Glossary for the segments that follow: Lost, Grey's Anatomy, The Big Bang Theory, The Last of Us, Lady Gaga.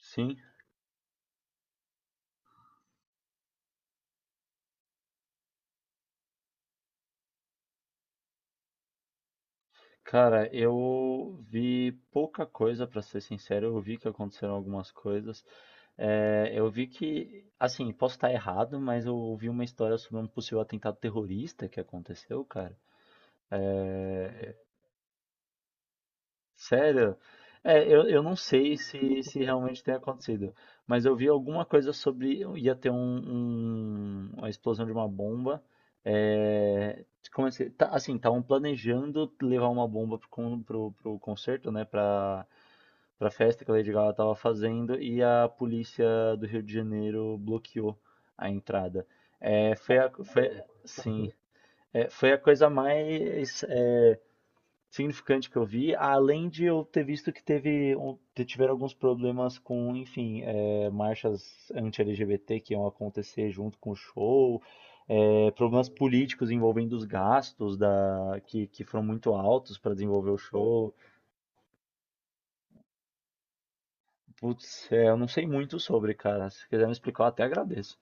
Sim, cara, eu vi pouca coisa, pra ser sincero. Eu vi que aconteceram algumas coisas. É, eu vi que, assim, posso estar errado, mas eu ouvi uma história sobre um possível atentado terrorista que aconteceu, cara. Eh, Sério? É, eu não sei se realmente tem acontecido, mas eu vi alguma coisa sobre ia ter uma explosão de uma bomba. É, como é que, tá, assim, estavam planejando levar uma bomba pro concerto, né, pra, pra festa que a Lady Gaga tava fazendo e a polícia do Rio de Janeiro bloqueou a entrada. É, sim, é, foi a coisa mais significante que eu vi, além de eu ter visto que teve tiveram alguns problemas com, enfim, é, marchas anti-LGBT que iam acontecer junto com o show, é, problemas políticos envolvendo os gastos que foram muito altos para desenvolver o show. Putz, é, eu não sei muito sobre, cara. Se quiser me explicar, eu até agradeço.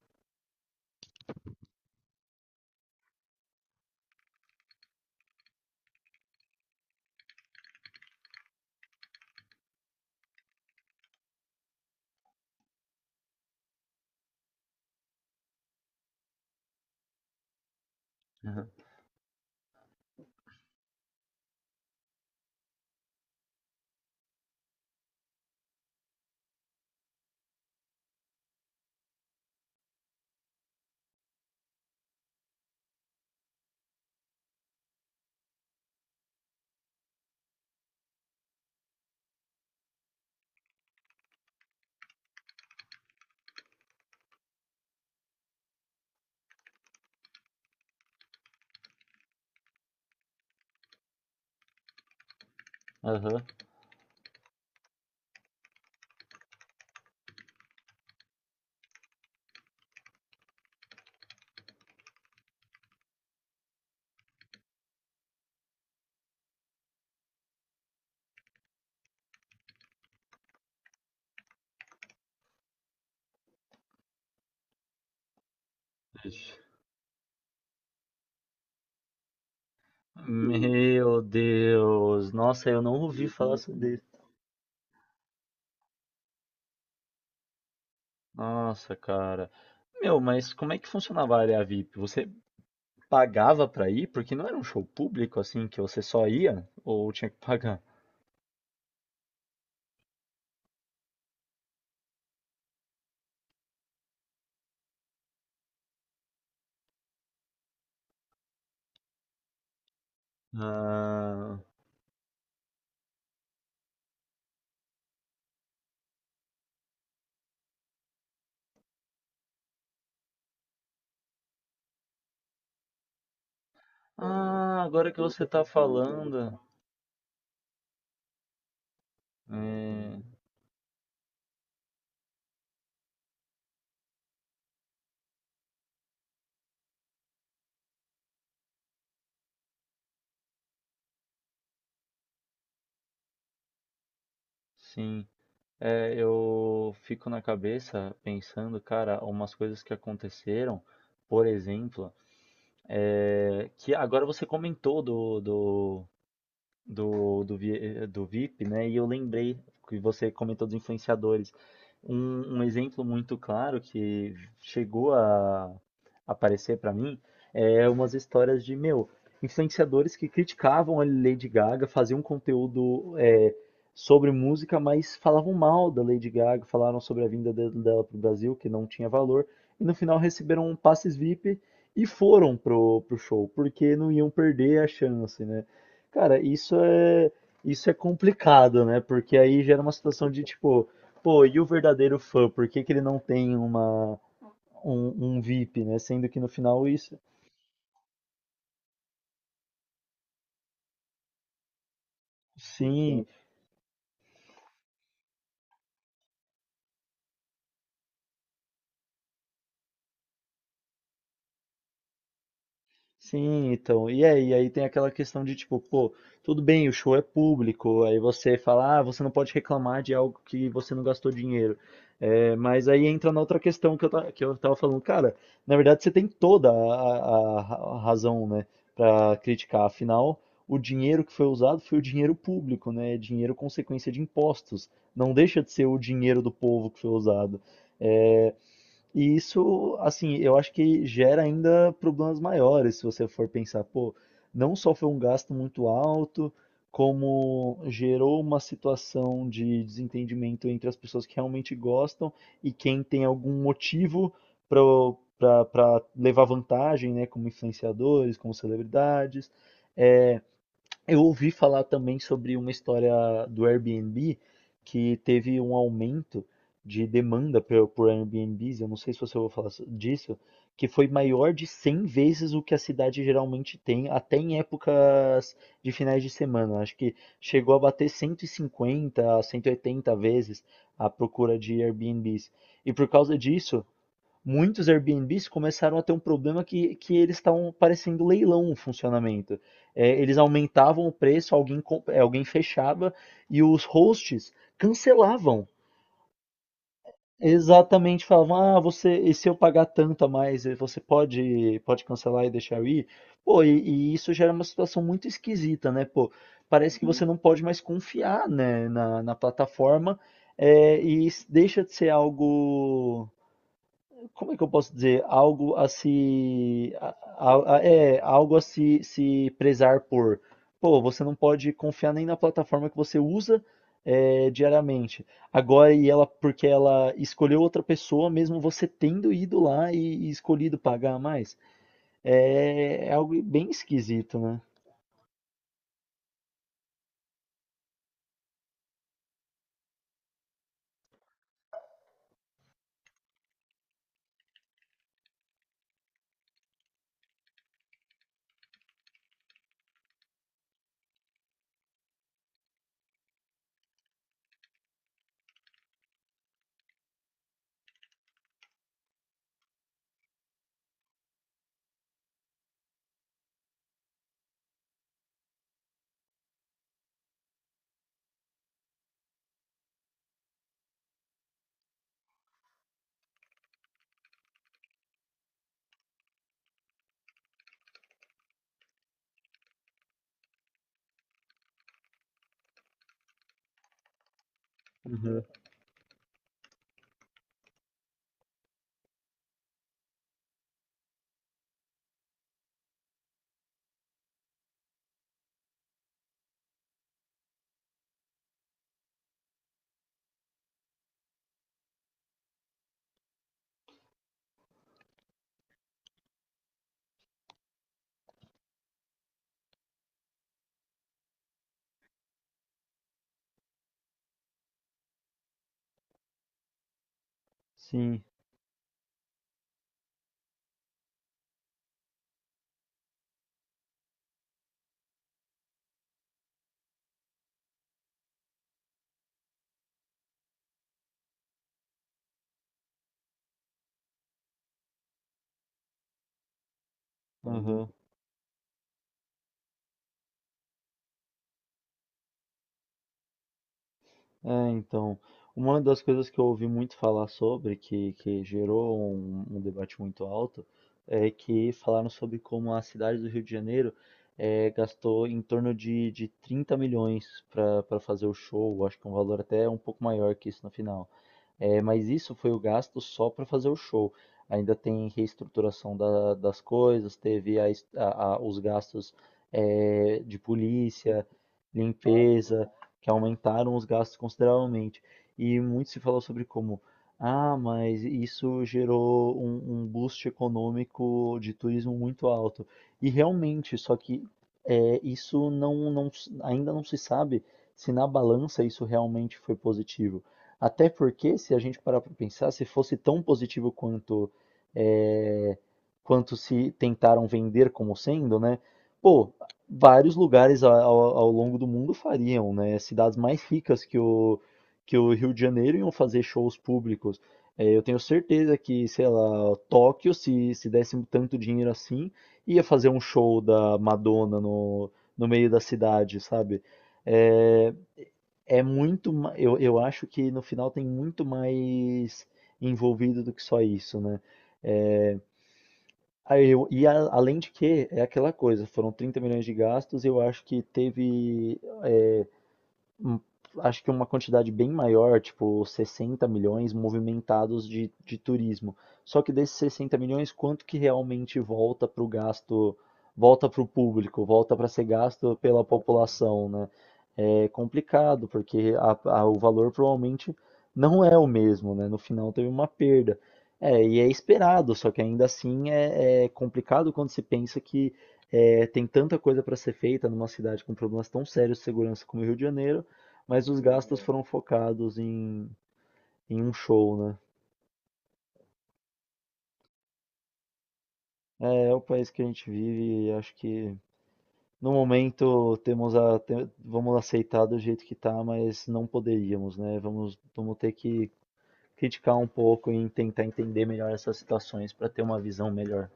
Aham. Aham. Meu Deus, nossa, eu não ouvi falar sobre. Nossa, cara. Meu, mas como é que funcionava a área VIP? Você pagava pra ir? Porque não era um show público assim que você só ia ou tinha que pagar? Ah, ah, agora que você tá falando, é, sim. É, eu fico na cabeça pensando, cara, umas coisas que aconteceram, por exemplo, é, que agora você comentou do VIP, né? E eu lembrei que você comentou dos influenciadores. Um exemplo muito claro que chegou a aparecer para mim é umas histórias de, meu, influenciadores que criticavam a Lady Gaga, faziam um conteúdo é, sobre música, mas falavam mal da Lady Gaga, falaram sobre a vinda dela para o Brasil, que não tinha valor, e no final receberam passes VIP e foram pro, pro show, porque não iam perder a chance, né? Cara, isso é complicado, né? Porque aí gera uma situação de tipo, pô, e o verdadeiro fã? Por que que ele não tem uma um VIP, né? Sendo que no final isso, sim. Sim, então. Aí tem aquela questão de tipo, pô, tudo bem, o show é público, aí você fala, ah, você não pode reclamar de algo que você não gastou dinheiro. É, mas aí entra na outra questão que eu tava falando, cara, na verdade você tem toda a razão, né, pra criticar. Afinal, o dinheiro que foi usado foi o dinheiro público, né? É dinheiro consequência de impostos. Não deixa de ser o dinheiro do povo que foi usado. É, e isso, assim, eu acho que gera ainda problemas maiores, se você for pensar, pô, não só foi um gasto muito alto, como gerou uma situação de desentendimento entre as pessoas que realmente gostam e quem tem algum motivo para levar vantagem, né, como influenciadores, como celebridades. É, eu ouvi falar também sobre uma história do Airbnb que teve um aumento de demanda por Airbnbs, eu não sei se você ouviu falar so- disso, que foi maior de 100 vezes o que a cidade geralmente tem, até em épocas de finais de semana. Acho que chegou a bater 150 a 180 vezes a procura de Airbnbs. E por causa disso, muitos Airbnbs começaram a ter um problema que eles estavam parecendo leilão o funcionamento. É, eles aumentavam o preço, alguém fechava e os hosts cancelavam. Exatamente, falavam, ah, você, e se eu pagar tanto a mais, eh, você pode cancelar e deixar eu ir? Pô, e isso gera uma situação muito esquisita, né? Pô, parece que você não pode mais confiar, né, na plataforma, eh, e isso deixa de ser algo, como é que eu posso dizer? Algo a se, algo a se, se prezar por. Pô, você não pode confiar nem na plataforma que você usa é, diariamente. Agora, e ela, porque ela escolheu outra pessoa, mesmo você tendo ido lá e escolhido pagar mais. É, é algo bem esquisito, né? Uhum. Sim. Uhum. É, então, uma das coisas que eu ouvi muito falar sobre, que gerou um, um debate muito alto, é que falaram sobre como a cidade do Rio de Janeiro eh, gastou em torno de 30 milhões para para fazer o show, acho que um valor até um pouco maior que isso no final. É, mas isso foi o gasto só para fazer o show. Ainda tem reestruturação das coisas, teve a es- a- os gastos eh, de polícia, limpeza, que aumentaram os gastos consideravelmente. E muito se falou sobre como, ah, mas isso gerou um boost econômico de turismo muito alto. E realmente, só que é, não, ainda não se sabe se na balança isso realmente foi positivo. Até porque, se a gente parar para pensar, se fosse tão positivo quanto é, quanto se tentaram vender como sendo, né? Pô, vários lugares ao longo do mundo fariam, né? Cidades mais ricas que o Rio de Janeiro iam fazer shows públicos. É, eu tenho certeza que, sei lá, Tóquio, se desse tanto dinheiro assim, ia fazer um show da Madonna no meio da cidade, sabe? É, é muito. Eu acho que no final tem muito mais envolvido do que só isso, né? É, Aí eu- e a- além de que, é aquela coisa, foram 30 milhões de gastos, eu acho que teve é, um- acho que uma quantidade bem maior, tipo 60 milhões movimentados de turismo. Só que desses 60 milhões, quanto que realmente volta para o gasto, volta para o público, volta para ser gasto pela população, né? É complicado, porque o valor provavelmente não é o mesmo, né? No final teve uma perda. É, e é esperado, só que ainda assim é, é complicado quando se pensa que é, tem tanta coisa para ser feita numa cidade com problemas tão sérios de segurança como o Rio de Janeiro, mas os gastos foram focados em, em um show, né? É, é o país que a gente vive e acho que no momento temos vamos aceitar do jeito que tá, mas não poderíamos, né? Vamos, vamos ter que criticar um pouco e tentar entender melhor essas situações para ter uma visão melhor.